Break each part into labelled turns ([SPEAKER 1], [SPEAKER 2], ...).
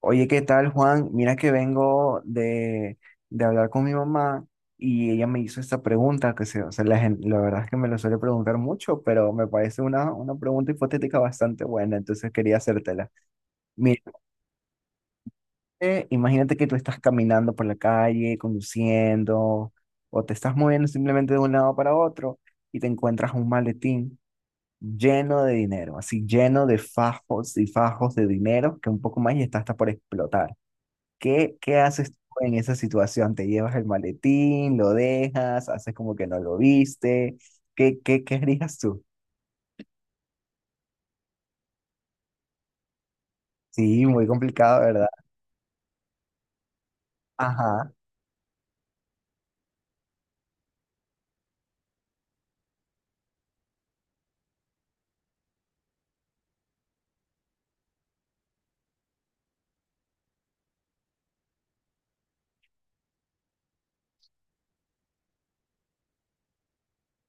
[SPEAKER 1] Oye, ¿qué tal, Juan? Mira que vengo de hablar con mi mamá y ella me hizo esta pregunta, o sea, la verdad es que me lo suele preguntar mucho, pero me parece una pregunta hipotética bastante buena, entonces quería hacértela. Mira, imagínate que tú estás caminando por la calle, conduciendo, o te estás moviendo simplemente de un lado para otro y te encuentras un maletín lleno de dinero, así lleno de fajos y fajos de dinero, que un poco más y está hasta por explotar. ¿Qué haces tú en esa situación? ¿Te llevas el maletín? ¿Lo dejas? ¿Haces como que no lo viste? ¿Qué harías tú? Sí, muy complicado, ¿verdad? Ajá.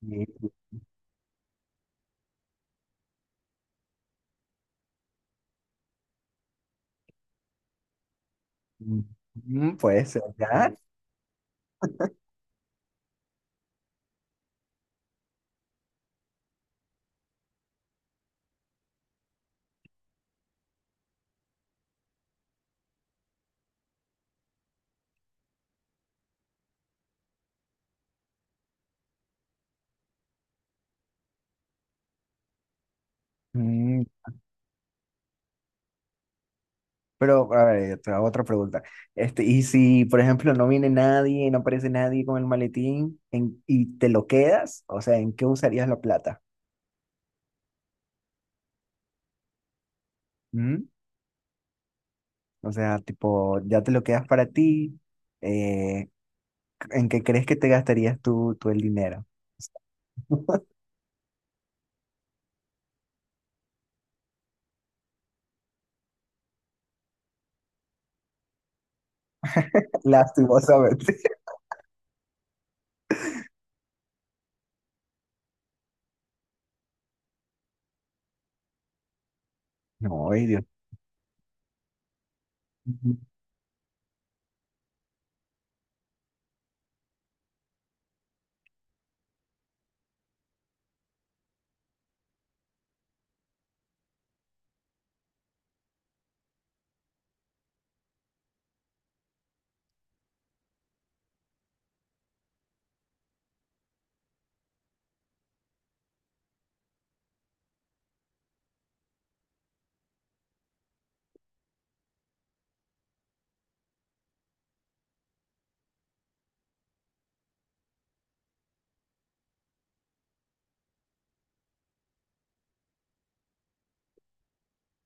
[SPEAKER 1] Sí, puede ser, ¿ya? Mm, pero, a ver, te hago otra pregunta. Este, y si, por ejemplo, no viene nadie, no aparece nadie con el maletín y te lo quedas, o sea, ¿en qué usarías la plata? ¿Mm? O sea, tipo, ya te lo quedas para ti. eh, ¿En qué crees que te gastarías tú el dinero? Lastimosamente. No, ay, Dios. Ujú.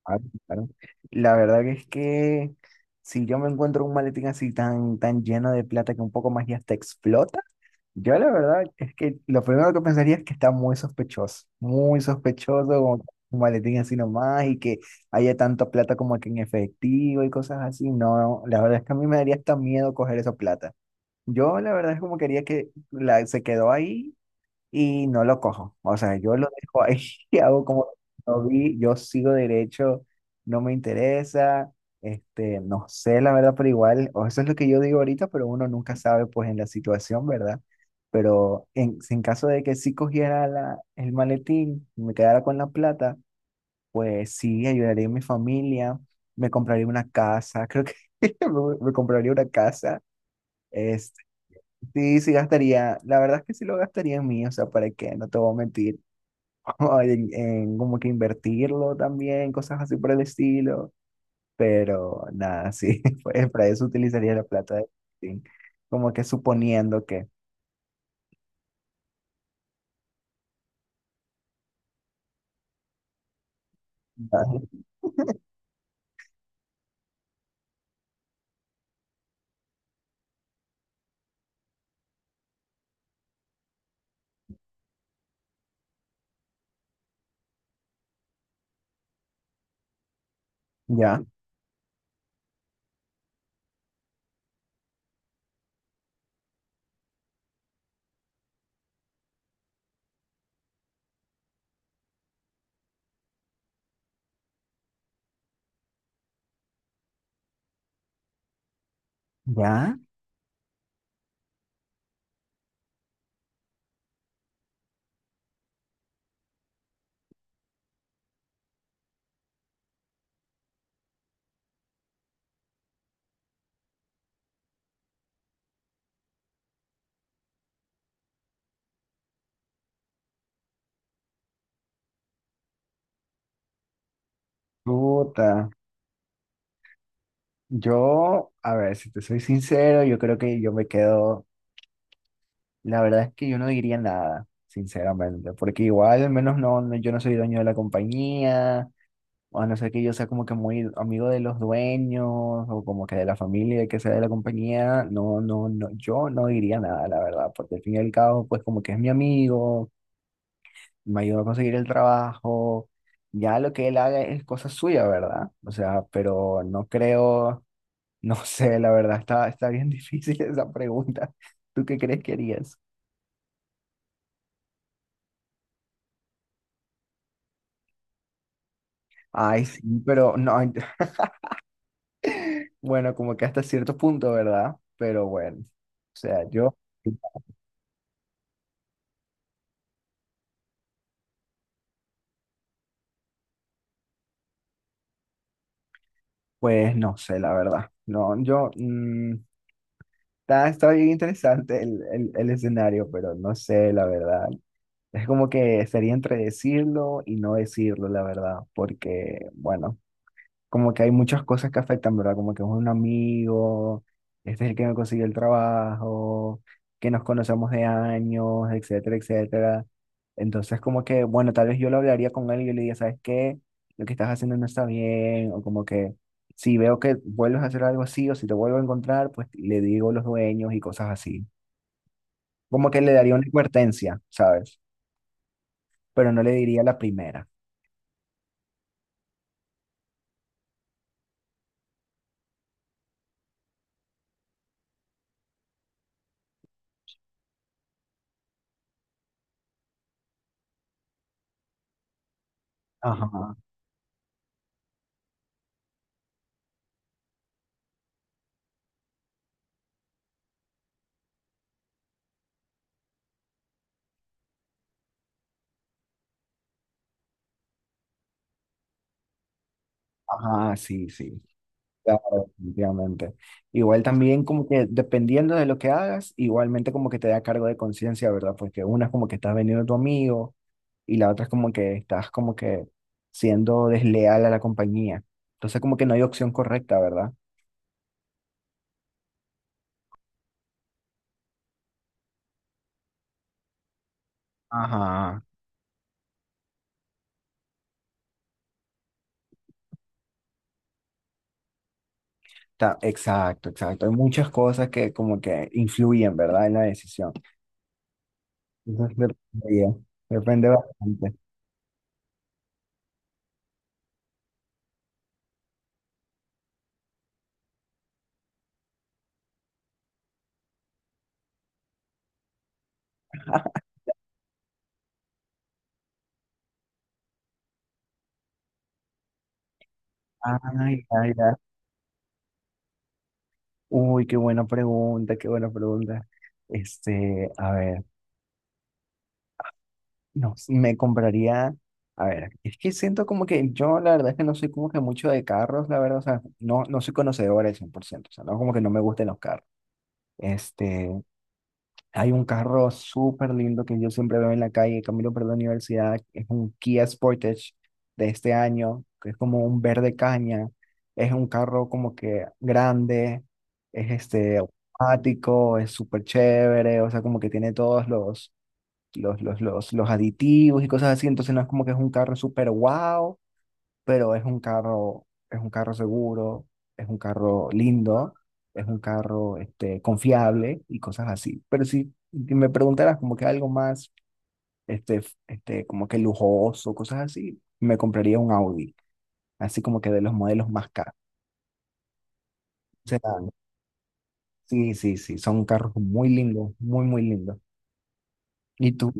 [SPEAKER 1] Claro, claro. La verdad que es que si yo me encuentro un maletín así tan, tan lleno de plata que un poco más ya hasta explota, yo la verdad es que lo primero que pensaría es que está muy sospechoso, como que un maletín así nomás y que haya tanta plata como que en efectivo y cosas así. No, la verdad es que a mí me daría hasta miedo coger esa plata. Yo la verdad es como quería que se quedó ahí y no lo cojo. O sea, yo lo dejo ahí y hago como no vi, yo sigo derecho, no me interesa, este, no sé la verdad, pero igual, o eso es lo que yo digo ahorita, pero uno nunca sabe pues en la situación, ¿verdad? Pero en caso de que sí cogiera el maletín y me quedara con la plata, pues sí, ayudaría a mi familia, me compraría una casa, creo que me compraría una casa. Este, sí, sí gastaría, la verdad es que sí lo gastaría en mí, o sea, ¿para qué? No te voy a mentir o en como que invertirlo también, cosas así por el estilo. Pero nada, sí, pues para eso utilizaría la plata de sí, como que suponiendo que. Ujú. Ya, ya. Puta. Yo, a ver, si te soy sincero, yo creo que yo me quedo. La verdad es que yo no diría nada, sinceramente, porque igual, al menos yo no soy dueño de la compañía. A no ser que yo sea como que muy amigo de los dueños o como que de la familia, que sea de la compañía, no, no, no, yo no diría nada, la verdad, porque al fin y al cabo, pues como que es mi amigo, me ayudó a conseguir el trabajo, ya lo que él haga es cosa suya, ¿verdad? O sea, pero no creo, no sé, la verdad, está bien difícil esa pregunta. ¿Tú qué crees que harías? Ay, sí, pero no, ay, bueno, como que hasta cierto punto, ¿verdad? Pero bueno, o sea, yo... Pues no sé, la verdad. No, yo está bien interesante el escenario, pero no sé, la verdad. Es como que sería entre decirlo y no decirlo, la verdad, porque, bueno, como que hay muchas cosas que afectan, ¿verdad? Como que es un amigo, este es el que me consiguió el trabajo, que nos conocemos de años, etcétera, etcétera. Entonces, como que, bueno, tal vez yo lo hablaría con él y yo le diría, ¿sabes qué? Lo que estás haciendo no está bien, o como que si veo que vuelves a hacer algo así o si te vuelvo a encontrar, pues le digo a los dueños y cosas así. Como que le daría una advertencia, ¿sabes? Pero no le diría la primera. Ajá, ajá, sí, sí. Claro, definitivamente. Igual también como que dependiendo de lo que hagas, igualmente como que te da cargo de conciencia, ¿verdad? Porque una es como que estás vendiendo a tu amigo y la otra es como que estás como que siendo desleal a la compañía. Entonces como que no hay opción correcta, ¿verdad? Ajá. Exacto, exacto. Hay muchas cosas que como que influyen, ¿verdad? En la decisión. Entonces depende, depende bastante. Ay, ay, ay. Uy, qué buena pregunta, qué buena pregunta. Este, a ver. No, me compraría, a ver, es que siento como que yo la verdad es que no soy como que mucho de carros, la verdad, o sea, no, no soy conocedor al 100%, o sea, no como que no me gusten los carros. Este, hay un carro súper lindo que yo siempre veo en la calle, camino por la universidad, es un Kia Sportage de este año, que es como un verde caña, es un carro como que grande, es este automático, es súper chévere, o sea, como que tiene todos los los aditivos y cosas así, entonces no es como que es un carro súper wow, pero es un carro seguro, es un carro lindo, es un carro este, confiable y cosas así. Pero si me preguntaras como que algo más, este, este, como que lujoso, cosas así, me compraría un Audi, así como que de los modelos más caros. O sí, sí, sí, son carros muy lindos, muy, muy lindos. Y tú,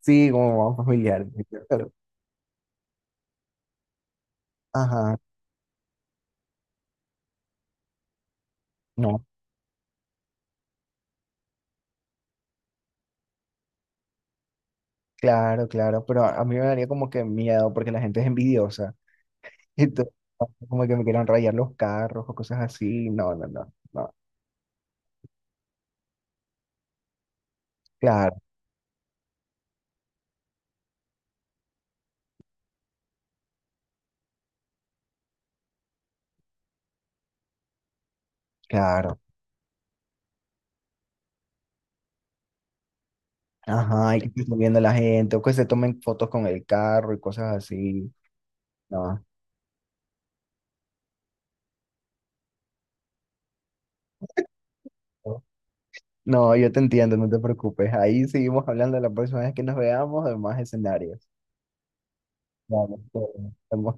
[SPEAKER 1] sí, como vamos familiar. Pero, ajá, no. Claro, claro, pero a mí me daría como que miedo porque la gente es envidiosa. Entonces, como que me quieran rayar los carros o cosas así. No, no, no, no. Claro, claro. Ajá, y que estén viendo la gente o que se tomen fotos con el carro y cosas así. No, no, no, yo te entiendo, no te preocupes. Ahí seguimos hablando la próxima vez que nos veamos de más escenarios. Vale, pues, estamos